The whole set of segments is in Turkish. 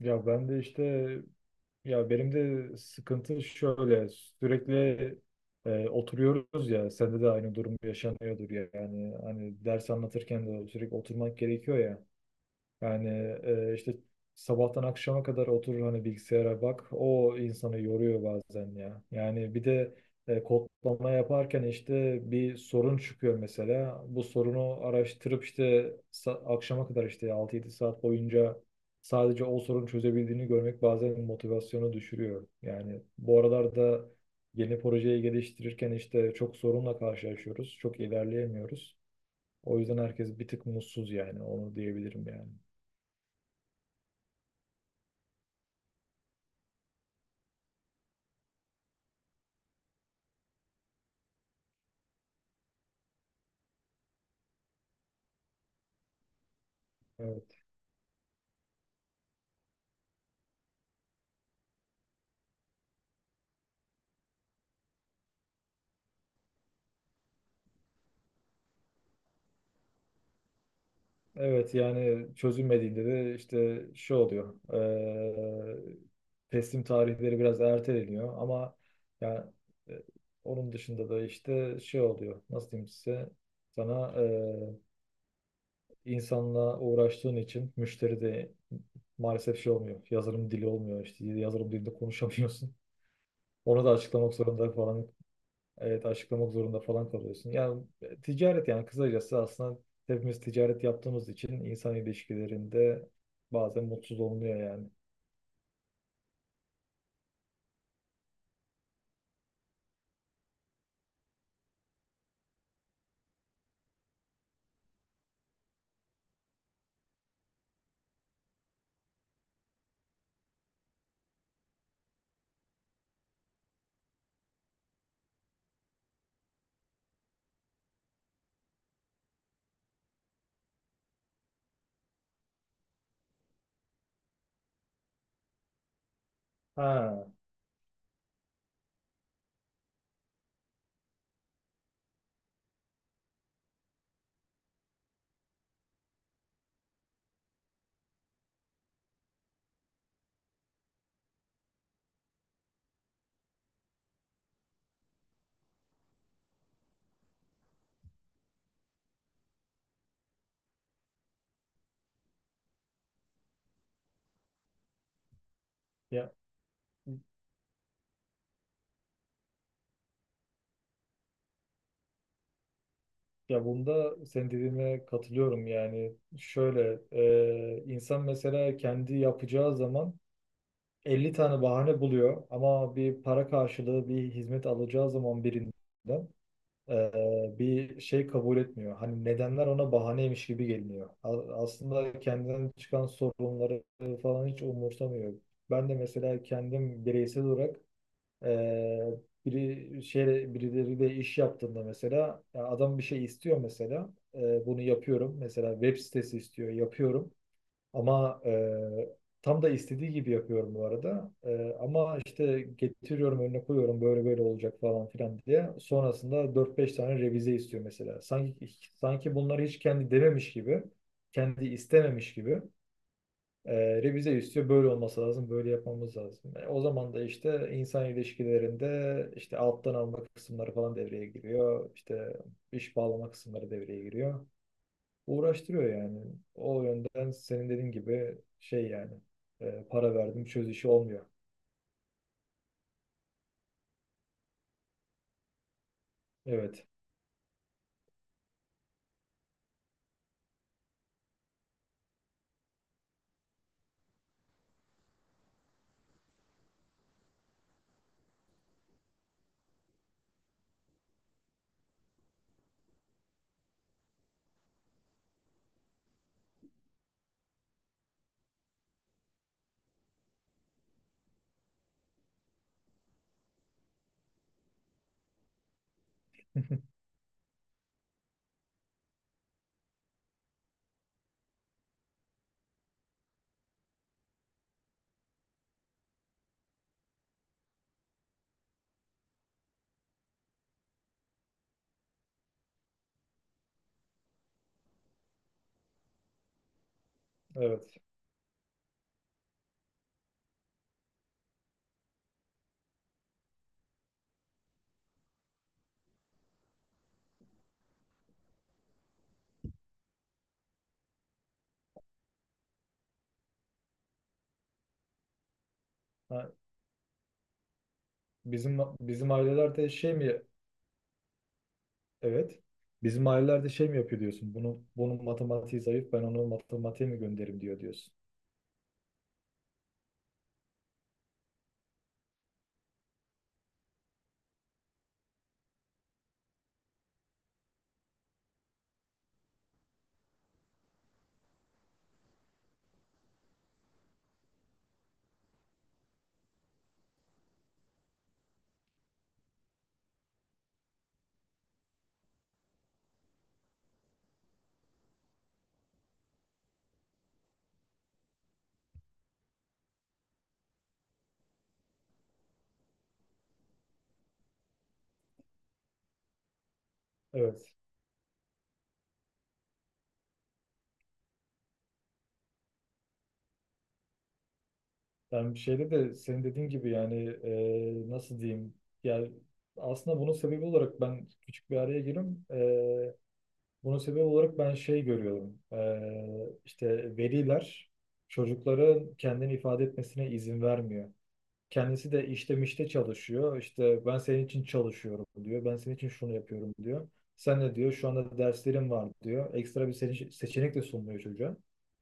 Ya ben de işte ya benim de sıkıntı şöyle sürekli oturuyoruz ya, sende de aynı durum yaşanıyordur ya, yani hani ders anlatırken de sürekli oturmak gerekiyor ya. Yani işte sabahtan akşama kadar oturur hani bilgisayara bak. O insanı yoruyor bazen ya. Yani bir de kodlama yaparken işte bir sorun çıkıyor mesela. Bu sorunu araştırıp işte akşama kadar işte 6-7 saat boyunca sadece o sorunu çözebildiğini görmek bazen motivasyonu düşürüyor. Yani bu aralarda yeni projeyi geliştirirken işte çok sorunla karşılaşıyoruz. Çok ilerleyemiyoruz. O yüzden herkes bir tık mutsuz, yani onu diyebilirim yani. Evet. Evet, yani çözülmediğinde de işte şu oluyor. Teslim tarihleri biraz erteleniyor, ama yani e, onun dışında da işte şey oluyor. Nasıl diyeyim size? Sana insanla uğraştığın için müşteri de maalesef şey olmuyor. Yazılım dili olmuyor işte. Yazılım dilinde konuşamıyorsun. Onu da açıklamak zorunda falan. Evet, açıklamak zorunda falan kalıyorsun. Yani ticaret, yani kısacası aslında hepimiz ticaret yaptığımız için insan ilişkilerinde bazen mutsuz olmuyor yani. Ha, ya ya bunda senin dediğine katılıyorum yani. Şöyle, insan mesela kendi yapacağı zaman 50 tane bahane buluyor, ama bir para karşılığı bir hizmet alacağı zaman birinden bir şey kabul etmiyor. Hani nedenler ona bahaneymiş gibi geliniyor. Aslında kendinden çıkan sorunları falan hiç umursamıyor. Ben de mesela kendim bireysel olarak e, biri şey birileriyle iş yaptığımda, mesela ya adam bir şey istiyor mesela. Bunu yapıyorum. Mesela web sitesi istiyor, yapıyorum. Ama tam da istediği gibi yapıyorum bu arada. Ama işte getiriyorum önüne koyuyorum, böyle böyle olacak falan filan diye. Sonrasında dört beş tane revize istiyor mesela. Sanki bunları hiç kendi dememiş gibi, kendi istememiş gibi e, revize istiyor. Böyle olması lazım, böyle yapmamız lazım. O zaman da işte insan ilişkilerinde işte alttan alma kısımları falan devreye giriyor. İşte iş bağlama kısımları devreye giriyor, uğraştırıyor yani. O yönden senin dediğin gibi, şey yani, para verdim çöz işi olmuyor. Evet, evet. Ha, bizim ailelerde şey mi? Evet. Bizim ailelerde şey mi yapıyor diyorsun? Bunun matematiği zayıf. Ben onu matematiğe mi gönderim diyor diyorsun. Evet. Ben bir şeyde de senin dediğin gibi, yani nasıl diyeyim? Yani aslında bunun sebebi olarak ben küçük bir araya gireyim. Bunun sebebi olarak ben şey görüyorum. İşte veliler çocukların kendini ifade etmesine izin vermiyor. Kendisi de işte mişte çalışıyor. İşte ben senin için çalışıyorum diyor. Ben senin için şunu yapıyorum diyor. Sen de diyor şu anda derslerim var diyor. Ekstra bir seçenek de sunmuyor çocuğa.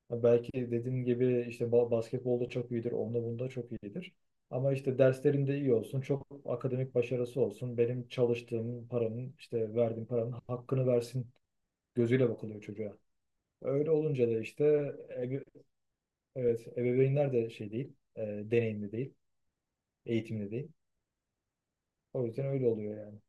Ha, belki dediğin gibi işte basketbolda çok iyidir. Onda bunda çok iyidir. Ama işte derslerinde iyi olsun, çok akademik başarısı olsun, benim çalıştığım paranın, işte verdiğim paranın hakkını versin gözüyle bakılıyor çocuğa. Öyle olunca da işte ebe- evet, ebeveynler de şey değil, deneyimli değil, eğitimli değil. O yüzden öyle oluyor yani.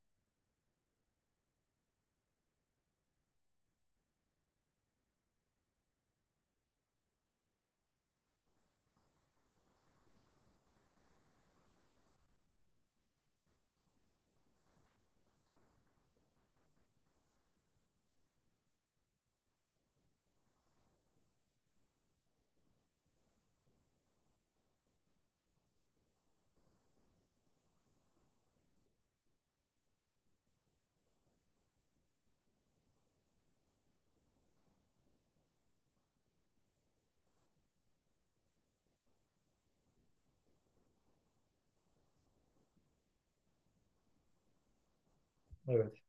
Evet.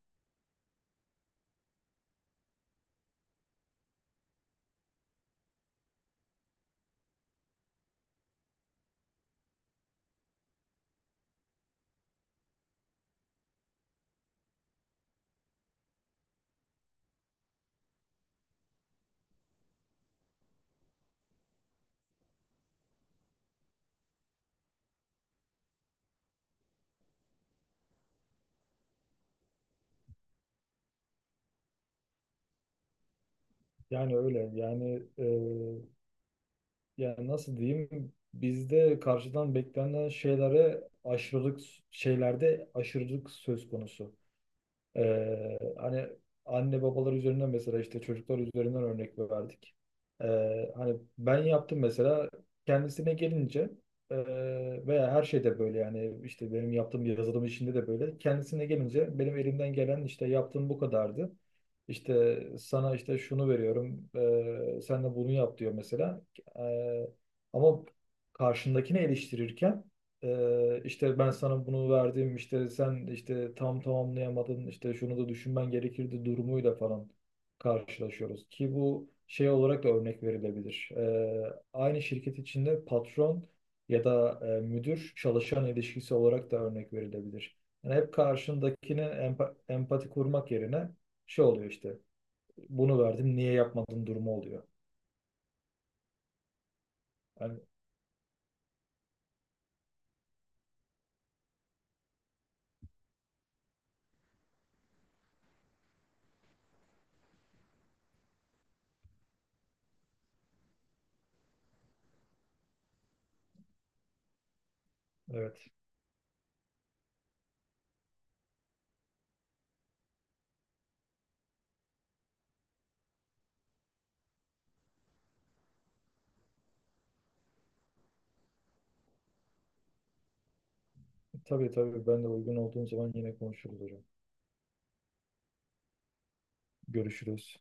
Yani öyle. Yani yani nasıl diyeyim? Bizde karşıdan beklenen şeylere aşırılık şeylerde aşırılık söz konusu. Hani anne babalar üzerinden, mesela işte çocuklar üzerinden örnek verdik. Hani ben yaptım mesela kendisine gelince, e, veya her şeyde böyle yani, işte benim yaptığım yazılım işinde de böyle kendisine gelince benim elimden gelen, işte yaptığım bu kadardı. İşte sana işte şunu veriyorum, sen de bunu yap diyor mesela. Ee, ama karşındakini eleştirirken, işte ben sana bunu verdim, işte sen işte tam tamamlayamadın, işte şunu da düşünmen gerekirdi durumuyla falan karşılaşıyoruz ki bu şey olarak da örnek verilebilir. Aynı şirket içinde patron ya da müdür çalışan ilişkisi olarak da örnek verilebilir. Yani hep karşındakine empati kurmak yerine şey oluyor, işte bunu verdim niye yapmadın durumu oluyor. Yani evet, tabii, tabii, ben de uygun olduğum zaman yine konuşuruz hocam. Görüşürüz.